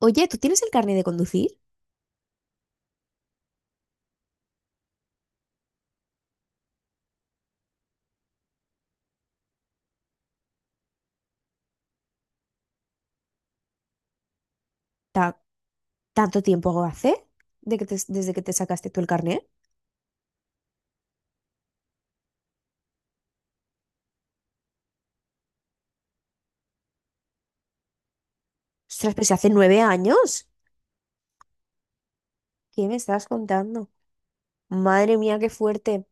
Oye, ¿tú tienes el carnet de conducir? Ta- ¿Tanto tiempo hace de desde que te sacaste tú el carnet? Ostras, pero si hace 9 años. ¿Qué me estás contando? Madre mía, qué fuerte.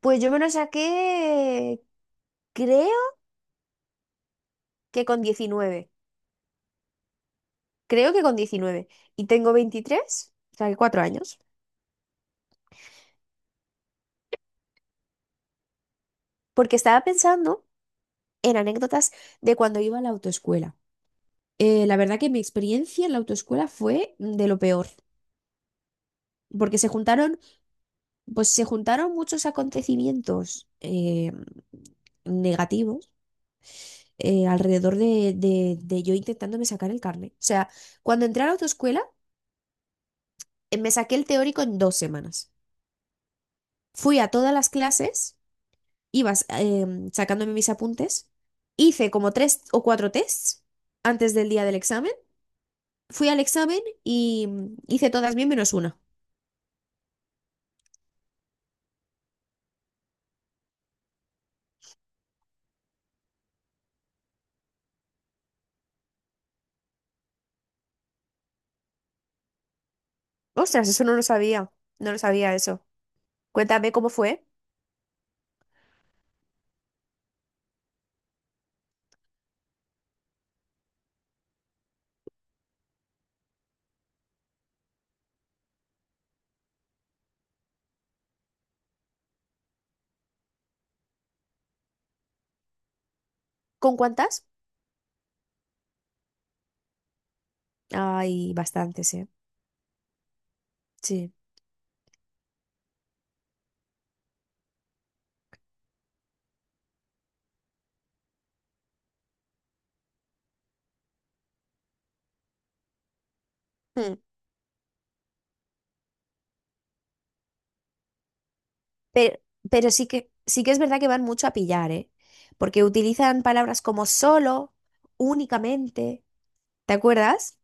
Pues yo me lo saqué, creo que con 19. Creo que con 19. Y tengo 23, o sea que 4 años. Porque estaba pensando en anécdotas de cuando iba a la autoescuela. La verdad que mi experiencia en la autoescuela fue de lo peor. Porque se juntaron. Pues se juntaron muchos acontecimientos negativos alrededor de yo intentándome sacar el carnet. O sea, cuando entré a la autoescuela, me saqué el teórico en 2 semanas. Fui a todas las clases, iba eh, sacándome mis apuntes, hice como tres o cuatro tests antes del día del examen, fui al examen y hice todas bien menos una. Ostras, eso no lo sabía, no lo sabía eso. Cuéntame cómo fue, con cuántas. Hay bastantes, ¿eh? Sí. Mm. Pero, pero sí que es verdad que van mucho a pillar, ¿eh? Porque utilizan palabras como solo, únicamente. ¿Te acuerdas?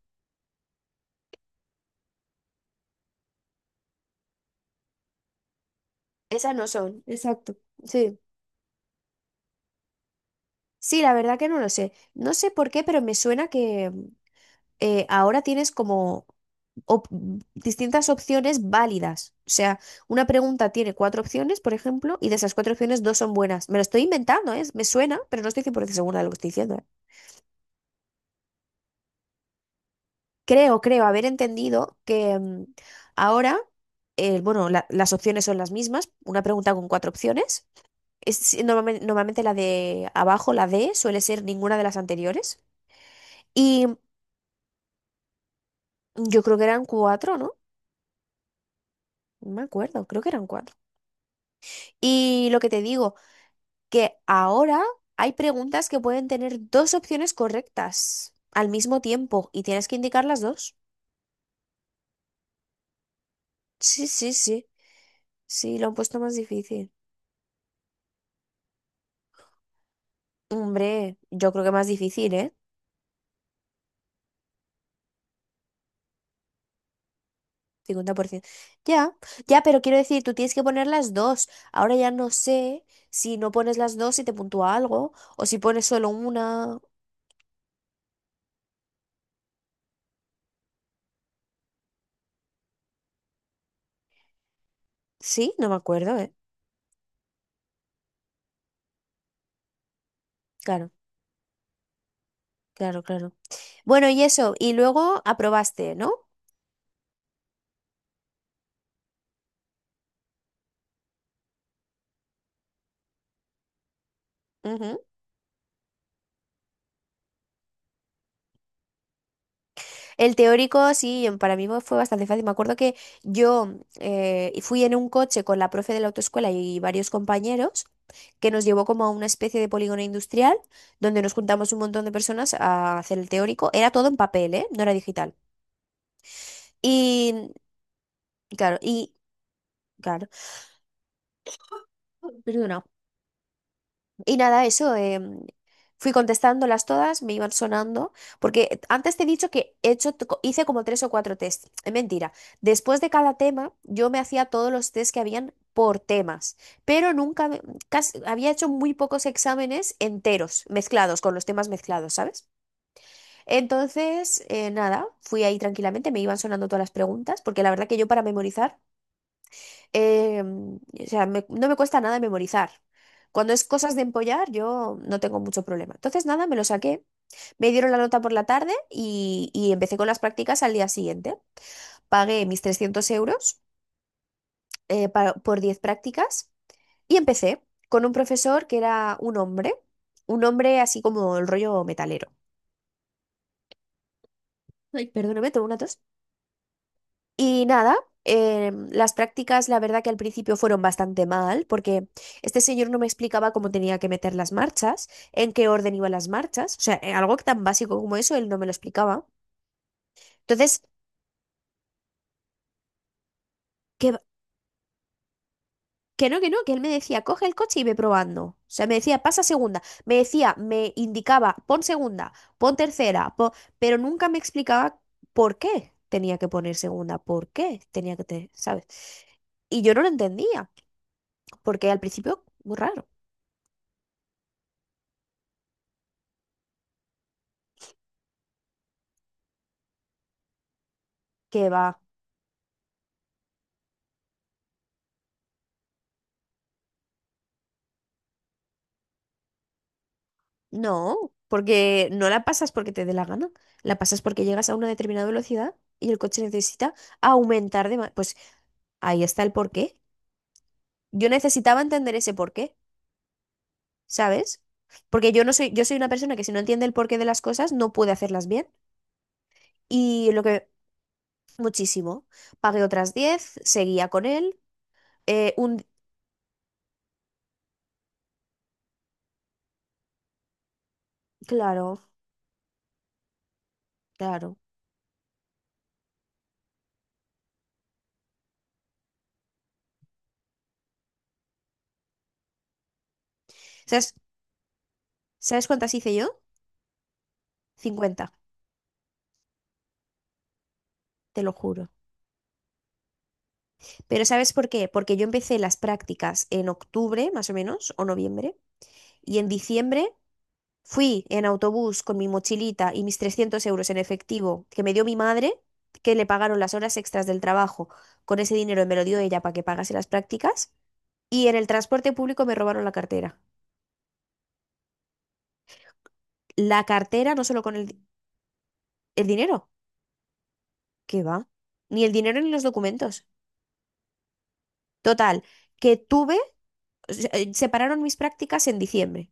Esas no son. Exacto. Sí. Sí, la verdad que no lo sé. No sé por qué, pero me suena que ahora tienes como op- distintas opciones válidas. O sea, una pregunta tiene cuatro opciones, por ejemplo, y de esas cuatro opciones dos son buenas. Me lo estoy inventando, ¿eh? Me suena, pero no estoy 100% segura de lo que estoy diciendo, ¿eh? Creo haber entendido que ahora, bueno, las opciones son las mismas, una pregunta con cuatro opciones. Es, normalmente, la de abajo, la D, suele ser ninguna de las anteriores. Y yo creo que eran cuatro, ¿no? No me acuerdo, creo que eran cuatro. Y lo que te digo, que ahora hay preguntas que pueden tener dos opciones correctas al mismo tiempo y tienes que indicar las dos. Sí, sí, sí. Sí, lo han puesto más difícil. Hombre, yo creo que más difícil, ¿eh? 50%. Ya, ya, pero quiero decir, tú tienes que poner las dos. Ahora ya no sé si no pones las dos y te puntúa algo, o si pones solo una. Sí, no me acuerdo, ¿eh? Claro, claro, claro. Bueno, y eso, y luego aprobaste, ¿no? Ujú. El teórico, sí, para mí fue bastante fácil. Me acuerdo que yo fui en un coche con la profe de la autoescuela y varios compañeros, que nos llevó como a una especie de polígono industrial donde nos juntamos un montón de personas a hacer el teórico. Era todo en papel, ¿eh? No era digital. Y claro, y claro, perdona. Y nada, eso, fui contestándolas todas, me iban sonando, porque antes te he dicho que he hice como tres o cuatro test. Es mentira. Después de cada tema, yo me hacía todos los test que habían por temas, pero nunca, había hecho muy pocos exámenes enteros, mezclados, con los temas mezclados, ¿sabes? Entonces, nada, fui ahí tranquilamente, me iban sonando todas las preguntas, porque la verdad que yo para memorizar, o sea, no me cuesta nada memorizar. Cuando es cosas de empollar, yo no tengo mucho problema. Entonces, nada, me lo saqué, me dieron la nota por la tarde y empecé con las prácticas al día siguiente. Pagué mis 300 euros por 10 prácticas y empecé con un profesor que era un hombre así como el rollo metalero. Ay, perdóname, tengo una tos. Y nada, las prácticas, la verdad que al principio fueron bastante mal, porque este señor no me explicaba cómo tenía que meter las marchas, en qué orden iban las marchas, o sea, algo tan básico como eso, él no me lo explicaba. Entonces, que, que no, que no, que él me decía, coge el coche y ve probando. O sea, me decía, pasa segunda, me decía, me indicaba, pon segunda, pon pero nunca me explicaba por qué tenía que poner segunda, por qué tenía ¿sabes? Y yo no lo entendía, porque al principio, muy raro. ¿Qué va? No, porque no la pasas porque te dé la gana, la pasas porque llegas a una determinada velocidad y el coche necesita aumentar pues ahí está el porqué. Yo necesitaba entender ese porqué, ¿sabes? Porque yo no soy, yo soy una persona que si no entiende el porqué de las cosas no puede hacerlas bien. Y lo que, muchísimo. Pagué otras 10, seguía con él. eh, un, claro, claro. ¿Sabes, sabes cuántas hice yo? 50, te lo juro. Pero ¿sabes por qué? Porque yo empecé las prácticas en octubre, más o menos, o noviembre, y en diciembre fui en autobús con mi mochilita y mis 300 euros en efectivo que me dio mi madre, que le pagaron las horas extras del trabajo, con ese dinero me lo dio ella para que pagase las prácticas, y en el transporte público me robaron la cartera. La cartera no solo con el dinero, ¿qué va? Ni el dinero ni los documentos. Total, que tuve, o sea, separaron mis prácticas en diciembre.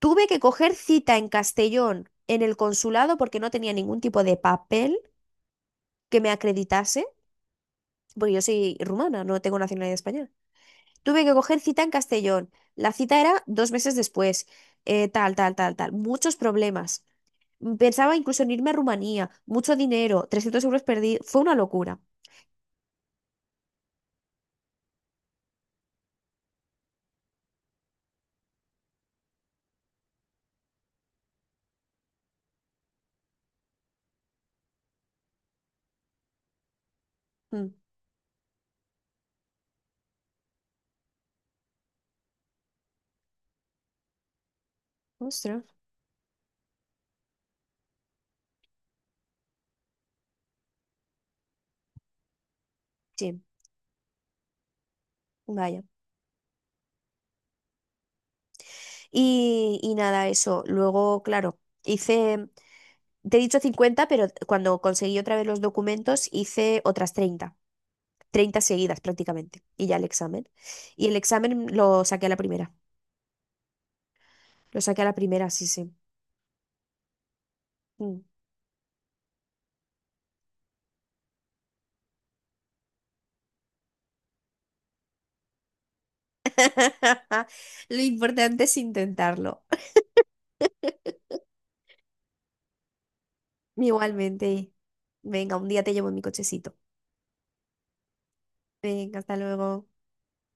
Tuve que coger cita en Castellón en el consulado porque no tenía ningún tipo de papel que me acreditase, porque yo soy rumana, no tengo nacionalidad española. Tuve que coger cita en Castellón. La cita era 2 meses después. Tal, tal, tal, tal. Muchos problemas. Pensaba incluso en irme a Rumanía. Mucho dinero. 300 euros perdí. Fue una locura. Mm. Ostras. Sí, vaya. Y nada, eso. Luego, claro, hice... Te he dicho 50, pero cuando conseguí otra vez los documentos hice otras 30, 30 seguidas prácticamente, y ya el examen. Y el examen lo saqué a la primera, lo saqué a la primera, sí, sí. Mm. Lo importante es intentarlo. Igualmente. Venga, un día te llevo en mi cochecito. Venga, hasta luego.